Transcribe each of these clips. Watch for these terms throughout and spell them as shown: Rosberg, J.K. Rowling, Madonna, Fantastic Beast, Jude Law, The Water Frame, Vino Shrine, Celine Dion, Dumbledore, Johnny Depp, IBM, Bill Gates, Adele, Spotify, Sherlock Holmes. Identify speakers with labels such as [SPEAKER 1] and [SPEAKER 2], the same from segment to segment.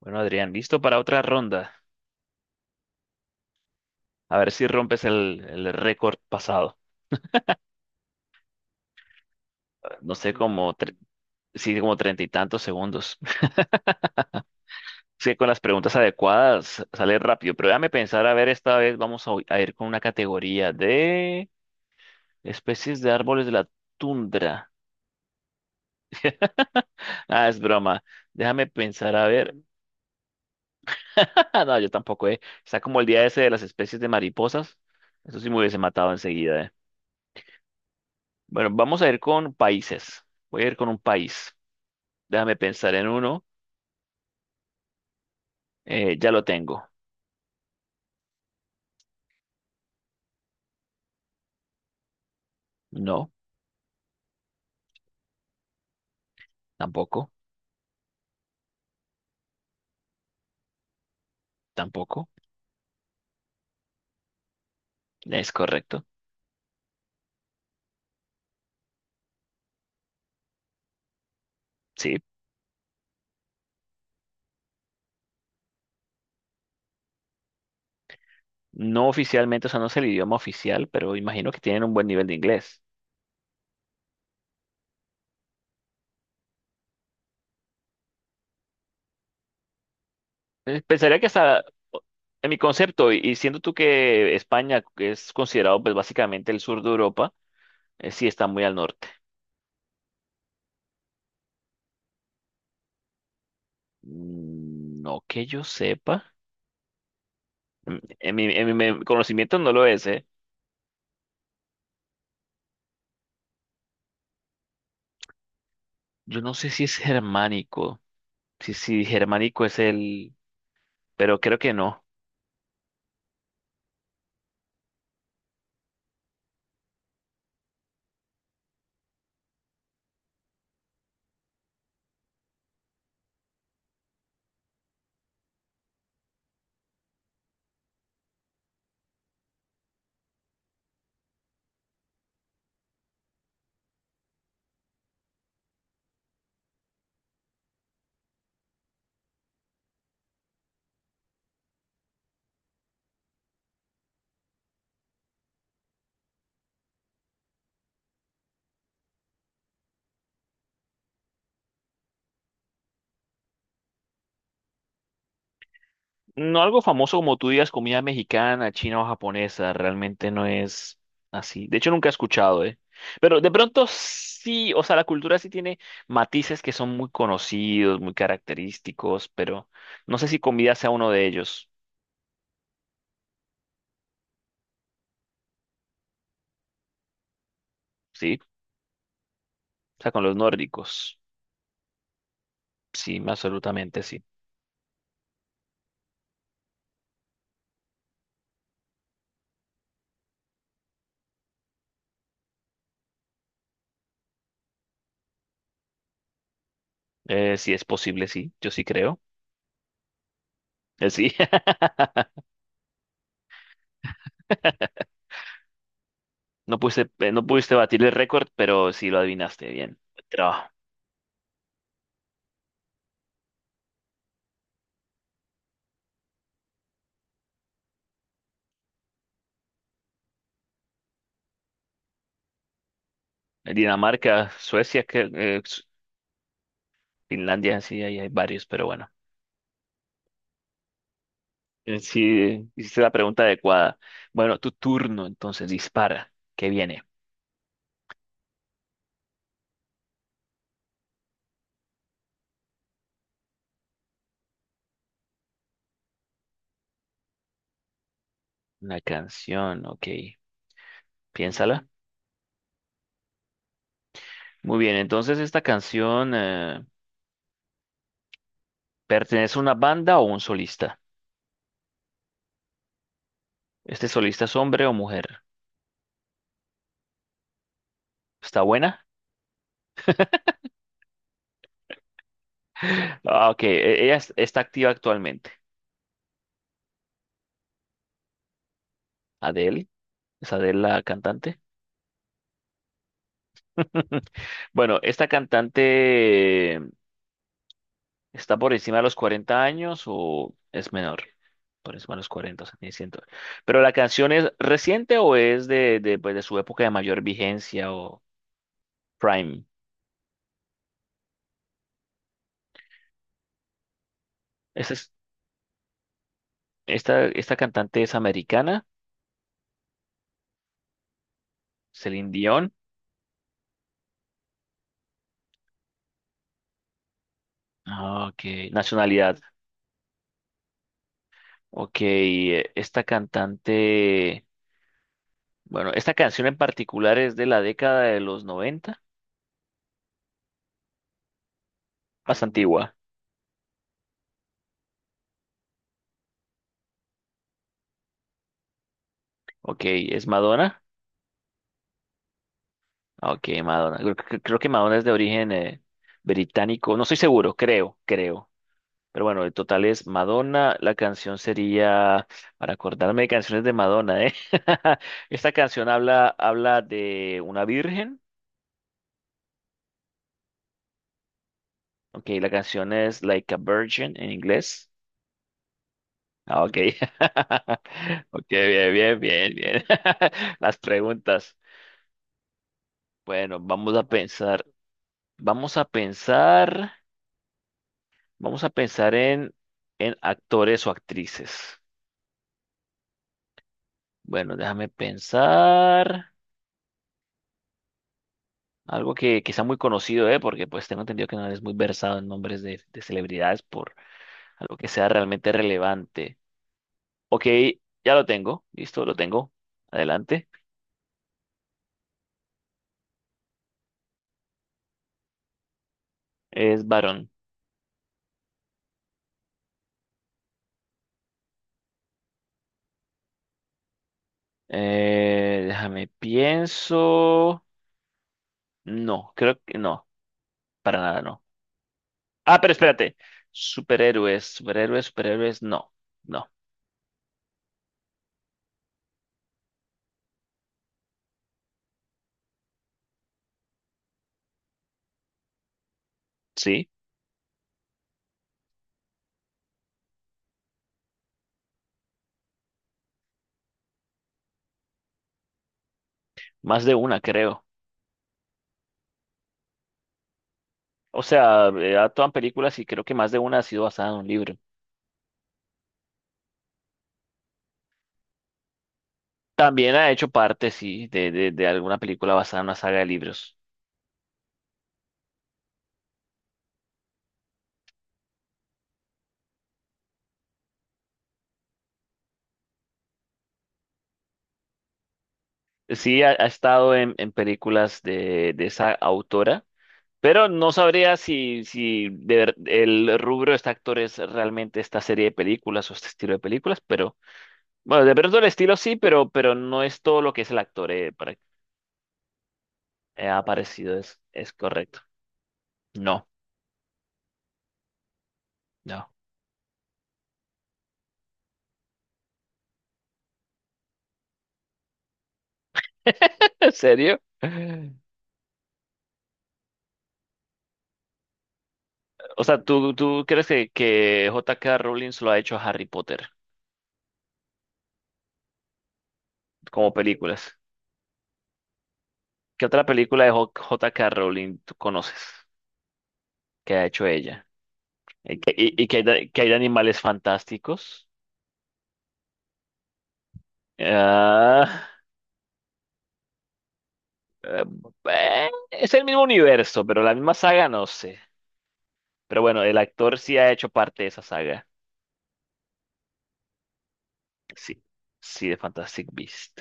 [SPEAKER 1] Bueno, Adrián, listo para otra ronda. A ver si rompes el récord pasado. No sé, como, tre- Sí, como treinta y tantos segundos. Sí, con las preguntas adecuadas sale rápido, pero déjame pensar, a ver, esta vez vamos a ir con una categoría de especies de árboles de la tundra. Ah, es broma. Déjame pensar, a ver. No, yo tampoco, eh. Está como el día ese de las especies de mariposas. Eso sí me hubiese matado enseguida, eh. Bueno, vamos a ir con países. Voy a ir con un país. Déjame pensar en uno. Ya lo tengo. No, tampoco, tampoco. Es correcto. Sí. No oficialmente, o sea, no es el idioma oficial, pero imagino que tienen un buen nivel de inglés. Pensaría que hasta o- en mi concepto, y siendo tú que España es considerado pues básicamente el sur de Europa, sí está muy al norte. Mm, no que yo sepa. En mi, en mi conocimiento no lo es, ¿eh? Yo no sé si es germánico. Si germánico es el, pero creo que no. No algo famoso como tú digas, comida mexicana, china o japonesa, realmente no es así. De hecho, nunca he escuchado, ¿eh? Pero de pronto sí, o sea, la cultura sí tiene matices que son muy conocidos, muy característicos, pero no sé si comida sea uno de ellos, ¿sí? O sea, con los nórdicos, sí, absolutamente sí. Sí es posible, sí, yo sí creo. Sí, no pudiste, no pudiste batir el récord, pero sí lo adivinaste bien. Buen trabajo. Dinamarca, Suecia, que, Finlandia, sí, ahí hay varios, pero bueno. Sí, hiciste la pregunta adecuada. Bueno, tu turno, entonces, dispara. ¿Qué viene? Una canción, ok. Piénsala. Muy bien, entonces, ¿esta canción pertenece a una banda o un solista? ¿Este solista es hombre o mujer? ¿Está buena? Ah, ok. Ella está activa actualmente. ¿Adele? ¿Es Adele la cantante? Bueno, esta cantante, ¿está por encima de los 40 años o es menor? Por encima de los 40, o sea, tiene 100. Pero la canción es reciente o es de, pues, de su época de mayor vigencia o prime. Esta, es- Esta, esta cantante es americana. Celine Dion. Ah, ok, nacionalidad. Ok, esta cantante, bueno, esta canción en particular es de la década de los 90, más antigua. Ok, es Madonna. Ok, Madonna. Creo que Madonna es de origen británico. No estoy seguro, creo, creo. Pero bueno, el total es Madonna. La canción sería, para acordarme de canciones de Madonna, ¿eh? Esta canción habla, habla de una virgen. Ok, la canción es Like a Virgin en inglés. Ah, ok. Ok, bien, bien, bien, bien. Las preguntas. Bueno, vamos a pensar. Vamos a pensar. Vamos a pensar en actores o actrices. Bueno, déjame pensar. Algo que sea muy conocido, ¿eh? Porque pues tengo entendido que no eres muy versado en nombres de celebridades por algo que sea realmente relevante. Ok, ya lo tengo. Listo, lo tengo. Adelante. Es varón. Déjame pienso. No, creo que no. Para nada, no. Ah, pero espérate. Superhéroes, superhéroes, superhéroes. No, no. Sí, más de una, creo. O sea, actúan películas y creo que más de una ha sido basada en un libro. También ha hecho parte, sí, de alguna película basada en una saga de libros. Sí, ha, ha estado en películas de esa autora, pero no sabría si, si el rubro de este actor es realmente esta serie de películas o este estilo de películas, pero bueno, de pronto el estilo sí, pero no es todo lo que es el actor ha aparecido, es correcto. No, no. ¿En serio? O sea, ¿tú, tú crees que J.K. Rowling solo ha hecho Harry Potter como películas? ¿Qué otra película de J.K. Rowling tú conoces que ha hecho ella? Y que hay, que hay de animales fantásticos. Ah, eh, es el mismo universo, pero la misma saga no sé. Pero bueno, el actor sí ha hecho parte de esa saga. Sí, sí, de Fantastic Beast.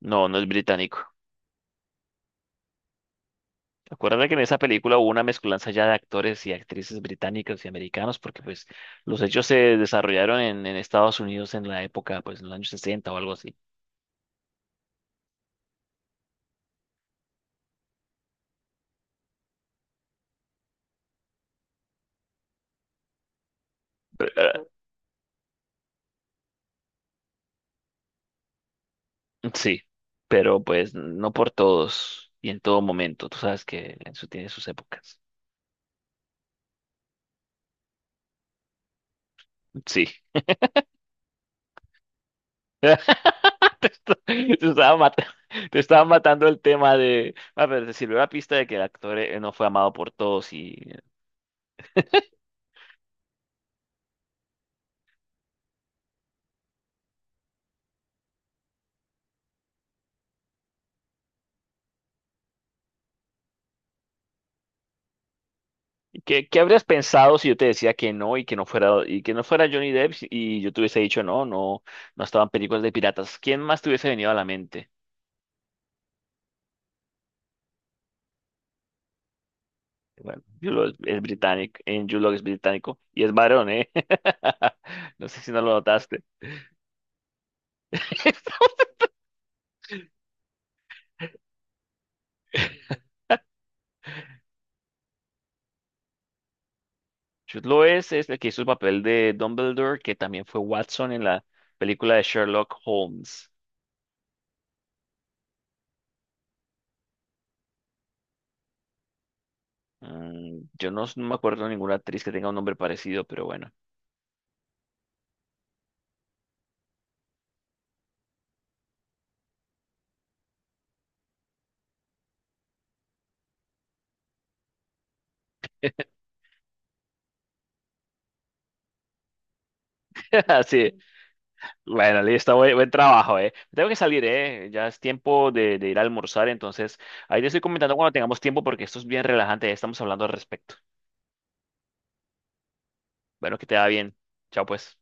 [SPEAKER 1] No, no es británico. Recuerda que en esa película hubo una mezcolanza ya de actores y actrices británicos y americanos, porque pues los hechos se desarrollaron en Estados Unidos en la época, pues en los años 60 o algo así. Pero, sí, pero pues no por todos y en todo momento. Tú sabes que eso tiene sus épocas. Sí. Te, est- te estaba matando, te estaba matando el tema de... A ver, te sirvió la pista de que el actor no fue amado por todos y ¿qué, qué habrías pensado si yo te decía que no y que no fuera y que no fuera Johnny Depp y yo te hubiese dicho no, no, no estaban películas de piratas? ¿Quién más te hubiese venido a la mente? Bueno, Jude Law es británico, en Jude Law es británico y es varón, ¿eh? No sé si no lo notaste. Jude Law es el que hizo el papel de Dumbledore, que también fue Watson en la película de Sherlock Holmes. Mm, yo no, no me acuerdo de ninguna actriz que tenga un nombre parecido, pero bueno. Bueno, listo, buen, buen trabajo, eh. Tengo que salir, eh. Ya es tiempo de ir a almorzar, entonces ahí te estoy comentando cuando tengamos tiempo porque esto es bien relajante, ya estamos hablando al respecto. Bueno, que te va bien. Chao, pues.